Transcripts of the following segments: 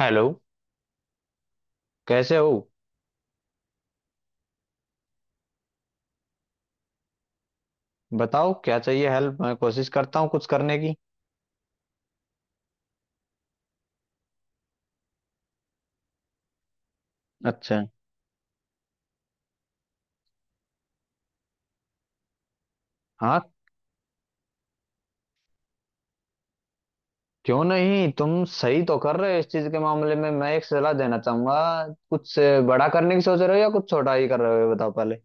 Hello. कैसे हो? बताओ क्या चाहिए हेल्प, मैं कोशिश करता हूँ कुछ करने की। अच्छा। हाँ, क्यों नहीं, तुम सही तो कर रहे हो इस चीज के मामले में। मैं एक सलाह देना चाहूंगा। कुछ बड़ा करने की सोच रहे हो या कुछ छोटा ही कर रहे हो, ये बताओ पहले।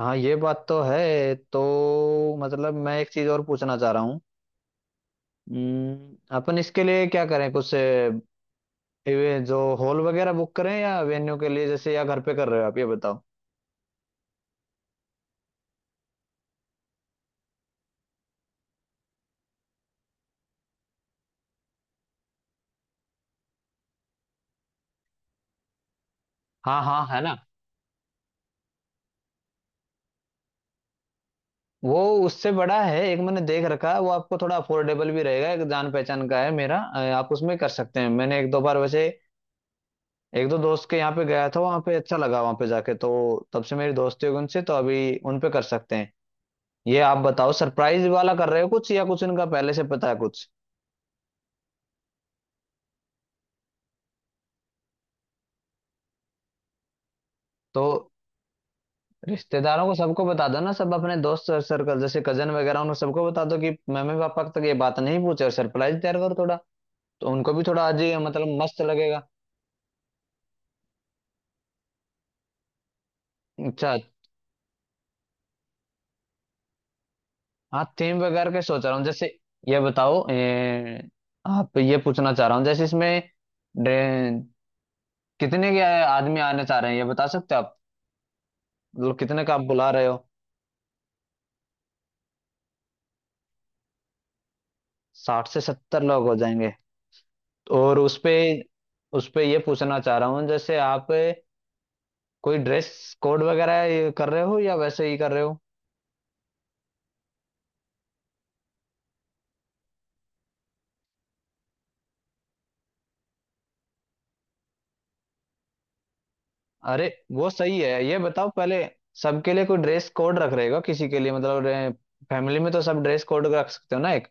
हाँ, ये बात तो है। तो मतलब मैं एक चीज और पूछना चाह रहा हूँ। अपन इसके लिए क्या करें कुछ? ये जो हॉल वगैरह बुक करें या वेन्यू के लिए जैसे, या घर पे कर रहे हो, आप ये बताओ। हाँ हाँ, है ना। वो उससे बड़ा है एक मैंने देख रखा है, वो आपको थोड़ा अफोर्डेबल भी रहेगा। एक जान पहचान का है मेरा, आप उसमें कर सकते हैं। मैंने एक दो बार वैसे एक दो दोस्त के यहाँ पे गया था, वहाँ पे अच्छा लगा वहाँ पे जाके, तो तब से मेरी दोस्ती हो गई उनसे, तो अभी उन पे कर सकते हैं। ये आप बताओ, सरप्राइज वाला कर रहे हो कुछ, या कुछ इनका पहले से पता है कुछ? तो रिश्तेदारों को सबको बता दो ना, सब अपने दोस्त सर्कल, जैसे कजन वगैरह उनको सबको बता दो कि मम्मी पापा तक ये बात नहीं पूछे, और सरप्राइज तैयार करो थोड़ा। तो उनको भी थोड़ा अजीब, मतलब मस्त लगेगा। अच्छा। हाँ, थीम वगैरह के सोच रहा हूँ जैसे। ये बताओ आप, ये पूछना चाह रहा हूँ जैसे इसमें डे- कितने के आदमी आने चाह रहे हैं ये बता सकते हो आप? मतलब कितने का आप बुला रहे हो? 60 से 70 लोग हो जाएंगे और उसपे उसपे ये पूछना चाह रहा हूँ जैसे आप कोई ड्रेस कोड वगैरह ये कर रहे हो या वैसे ही कर रहे हो? अरे वो सही है। ये बताओ पहले, सबके लिए कोई ड्रेस कोड रख रहेगा किसी के लिए, मतलब फैमिली में तो सब ड्रेस कोड रख सकते हो ना एक।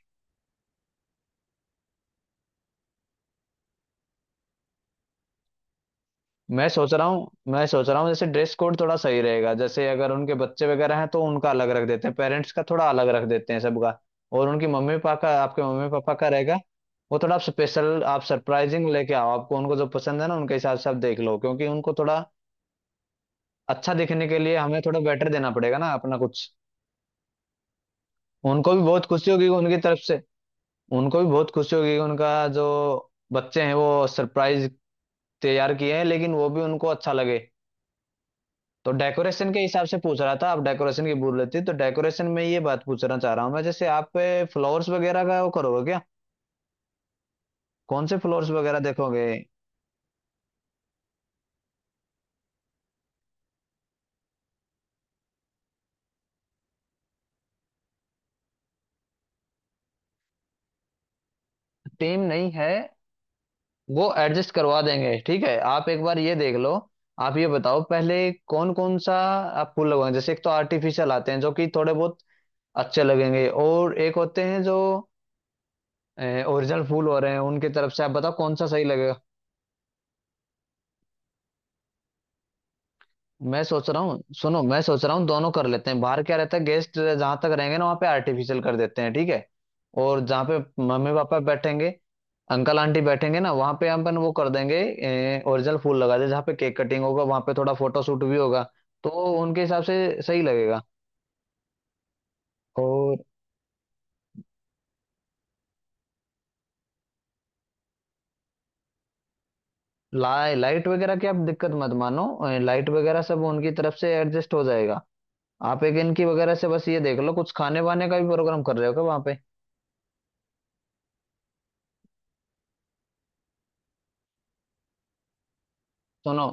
मैं सोच रहा हूँ, जैसे ड्रेस कोड थोड़ा सही रहेगा, जैसे अगर उनके बच्चे वगैरह हैं तो उनका अलग रख देते हैं, पेरेंट्स का थोड़ा अलग रख देते हैं सबका, और उनकी मम्मी पापा का, आपके मम्मी पापा का रहेगा। वो थोड़ा आप स्पेशल, आप सरप्राइजिंग लेके आओ, आपको उनको जो पसंद है ना उनके हिसाब से आप देख लो, क्योंकि उनको थोड़ा अच्छा दिखने के लिए हमें थोड़ा बेटर देना पड़ेगा ना अपना कुछ। उनको भी बहुत खुशी होगी उनकी तरफ से। उनको भी बहुत खुशी होगी कि उनका जो बच्चे हैं वो सरप्राइज तैयार किए हैं, लेकिन वो भी उनको अच्छा लगे। तो डेकोरेशन के हिसाब से पूछ रहा था, आप डेकोरेशन की बोल रहे थे, तो डेकोरेशन में ये बात पूछना चाह रहा हूँ मैं जैसे आप फ्लावर्स वगैरह का वो करोगे क्या? कौन से फ्लावर्स वगैरह देखोगे? टीम नहीं है, वो एडजस्ट करवा देंगे, ठीक है। आप एक बार ये देख लो। आप ये बताओ पहले, कौन कौन सा आप फूल लगवाएंगे? जैसे एक तो आर्टिफिशियल आते हैं जो कि थोड़े बहुत अच्छे लगेंगे, और एक होते हैं जो ओरिजिनल फूल हो रहे हैं उनकी तरफ से, आप बताओ कौन सा सही लगेगा। मैं सोच रहा हूँ, सुनो, मैं सोच रहा हूँ दोनों कर लेते हैं। बाहर क्या रहता है, गेस्ट जहां तक रहेंगे ना वहां पे आर्टिफिशियल कर देते हैं, ठीक है। और जहाँ पे मम्मी पापा बैठेंगे, अंकल आंटी बैठेंगे ना वहां पे अपन वो कर देंगे, ओरिजिनल फूल लगा दे। जहाँ पे केक कटिंग होगा वहां पे थोड़ा फोटो शूट भी होगा तो उनके हिसाब से सही लगेगा। और ला लाइट वगैरह की आप दिक्कत मत मानो, लाइट वगैरह सब उनकी तरफ से एडजस्ट हो जाएगा। आप एक इनकी वगैरह से बस ये देख लो, कुछ खाने वाने का भी प्रोग्राम कर रहे हो क्या वहां पे? सुनो,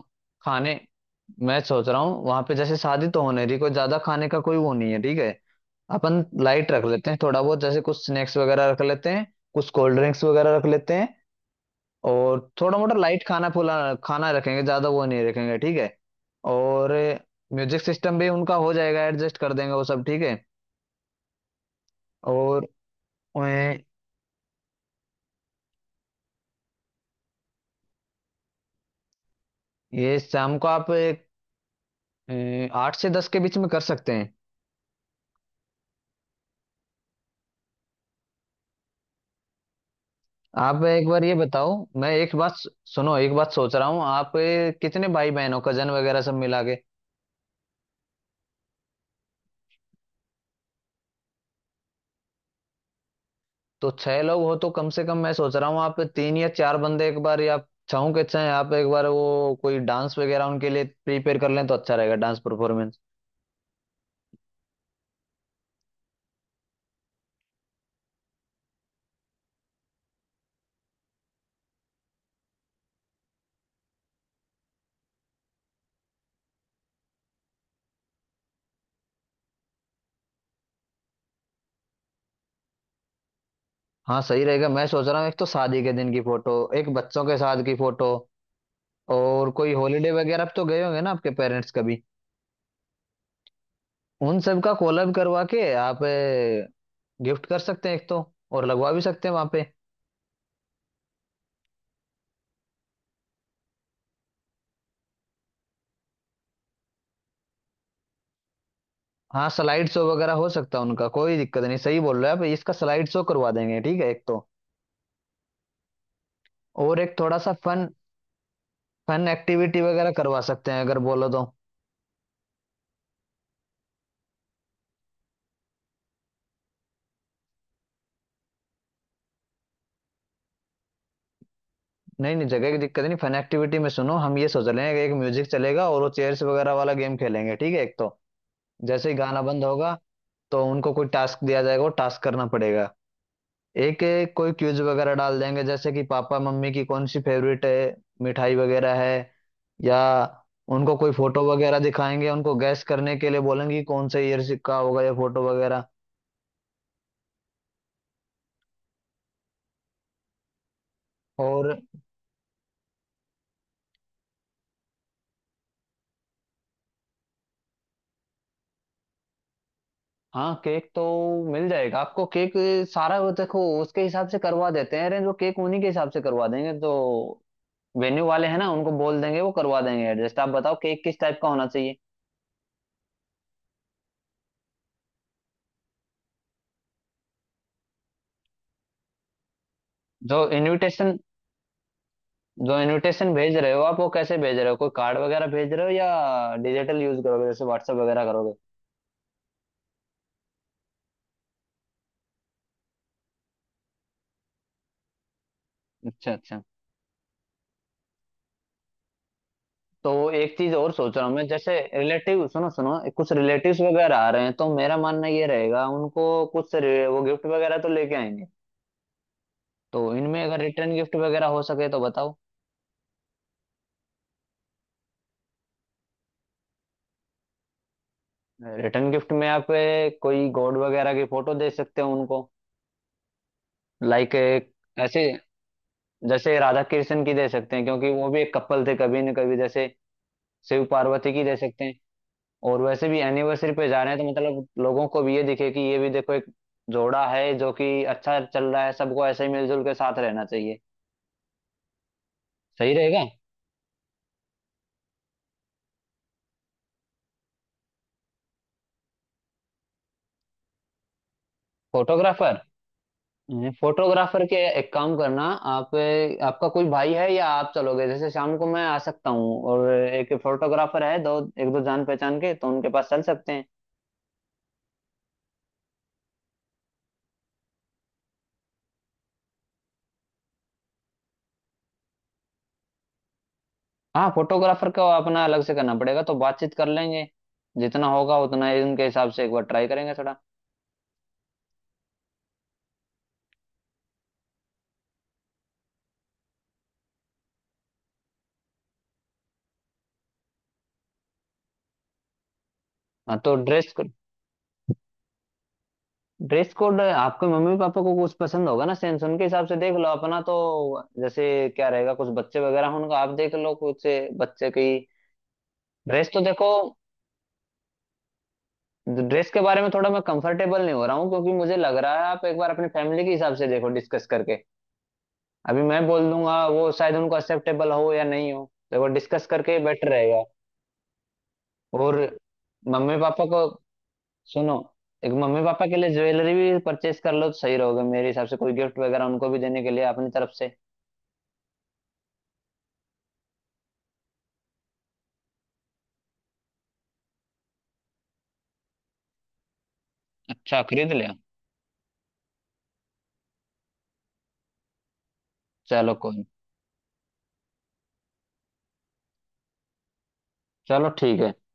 खाने मैं सोच रहा हूँ वहां पे जैसे शादी तो होने रही कोई, ज्यादा खाने का कोई वो नहीं है, ठीक है। अपन लाइट रख लेते हैं थोड़ा बहुत, जैसे कुछ स्नैक्स वगैरह रख लेते हैं, कुछ कोल्ड ड्रिंक्स वगैरह रख लेते हैं, और थोड़ा मोटा लाइट खाना, फुला खाना रखेंगे, ज्यादा वो नहीं रखेंगे, ठीक है। और म्यूजिक सिस्टम भी उनका हो जाएगा, एडजस्ट कर देंगे वो सब, ठीक है। और अ, ये शाम को आप 8 से 10 के बीच में कर सकते हैं। आप एक बार ये बताओ, मैं एक बात सुनो, एक बात सोच रहा हूँ आप, कितने भाई बहन हो कजन वगैरह सब मिला के? तो छह लोग हो तो कम से कम मैं सोच रहा हूँ आप तीन या चार बंदे एक बार, या छहों के छह आप एक बार वो कोई डांस वगैरह उनके लिए प्रिपेयर कर लें तो अच्छा रहेगा, डांस परफॉर्मेंस। हाँ सही रहेगा। मैं सोच रहा हूँ एक तो शादी के दिन की फोटो, एक बच्चों के साथ की फोटो, और कोई हॉलीडे वगैरह पे तो गए होंगे ना आपके पेरेंट्स कभी, उन सब का कोलैब करवा के आप गिफ्ट कर सकते हैं एक तो, और लगवा भी सकते हैं वहां पे। हाँ स्लाइड शो वगैरह हो सकता है, उनका कोई दिक्कत नहीं, सही बोल रहे हो आप, इसका स्लाइड शो करवा देंगे, ठीक है एक तो। और एक थोड़ा सा फन, फन एक्टिविटी वगैरह करवा सकते हैं अगर बोलो तो। नहीं नहीं, जगह की दिक्कत नहीं। फन एक्टिविटी में सुनो, हम ये सोच रहे हैं कि एक म्यूजिक चलेगा और वो चेयर्स वगैरह वाला गेम खेलेंगे, ठीक है एक तो। जैसे ही गाना बंद होगा तो उनको कोई टास्क दिया जाएगा, वो टास्क करना पड़ेगा। एक एक कोई क्यूज वगैरह डाल देंगे, जैसे कि पापा मम्मी की कौन सी फेवरेट है मिठाई वगैरह है, या उनको कोई फोटो वगैरह दिखाएंगे उनको गैस करने के लिए बोलेंगे कि कौन से ईयर का होगा या फोटो वगैरह। और हाँ, केक तो मिल जाएगा आपको, केक सारा वो देखो, उसके हिसाब से करवा देते हैं अरेंज, वो केक उन्हीं के हिसाब से करवा देंगे तो। वेन्यू वाले हैं ना, उनको बोल देंगे, वो करवा देंगे एडजस्ट। आप बताओ केक किस टाइप का होना चाहिए। जो इनविटेशन जो इनविटेशन भेज रहे हो आप, वो कैसे भेज रहे हो? कोई कार्ड वगैरह भेज रहे हो या डिजिटल यूज करोगे जैसे व्हाट्सएप वगैरह करोगे? अच्छा अच्छा। तो एक चीज और सोच रहा हूँ मैं, जैसे रिलेटिव सुनो सुनो, कुछ रिलेटिव्स वगैरह आ रहे हैं तो मेरा मानना ये रहेगा, उनको कुछ वो गिफ्ट वगैरह तो लेके आएंगे, तो इनमें अगर रिटर्न गिफ्ट वगैरह हो सके तो बताओ। रिटर्न गिफ्ट में आप, कोई गॉड वगैरह की फोटो दे सकते हो उनको, लाइक ऐसे, जैसे राधा कृष्ण की दे सकते हैं, क्योंकि वो भी एक कपल थे कभी न कभी। जैसे शिव पार्वती की दे सकते हैं। और वैसे भी एनिवर्सरी पे जा रहे हैं तो मतलब लोगों को भी ये दिखे कि ये भी देखो एक जोड़ा है जो कि अच्छा चल रहा है, सबको ऐसे ही मिलजुल के साथ रहना चाहिए, सही रहेगा। फोटोग्राफर फोटोग्राफर के एक काम करना, आप, आपका कोई भाई है या आप चलोगे, जैसे शाम को मैं आ सकता हूँ और एक फोटोग्राफर है, दो, एक दो जान पहचान के, तो उनके पास चल सकते हैं। हाँ, फोटोग्राफर को अपना अलग से करना पड़ेगा, तो बातचीत कर लेंगे, जितना होगा उतना ही उनके हिसाब से एक बार ट्राई करेंगे थोड़ा। हाँ तो ड्रेस ड्रेस कोड आपके मम्मी पापा को कुछ पसंद होगा ना सेंस, उनके हिसाब से देख लो अपना तो, जैसे क्या रहेगा। कुछ बच्चे वगैरह हों, उनका आप देख लो कुछ, बच्चे की ड्रेस तो देखो। ड्रेस के बारे में थोड़ा मैं कंफर्टेबल नहीं हो रहा हूँ क्योंकि मुझे लग रहा है आप एक बार अपनी फैमिली के हिसाब से देखो डिस्कस करके, अभी मैं बोल दूंगा वो शायद उनको एक्सेप्टेबल हो या नहीं हो, देखो डिस्कस करके बेटर रहेगा। और मम्मी पापा को सुनो, एक, मम्मी पापा के लिए ज्वेलरी भी परचेज कर लो तो सही रहोगे मेरे हिसाब से, कोई गिफ्ट वगैरह उनको भी देने के लिए अपनी तरफ से। अच्छा, खरीद लिया। चलो कोई नहीं। चलो ठीक है।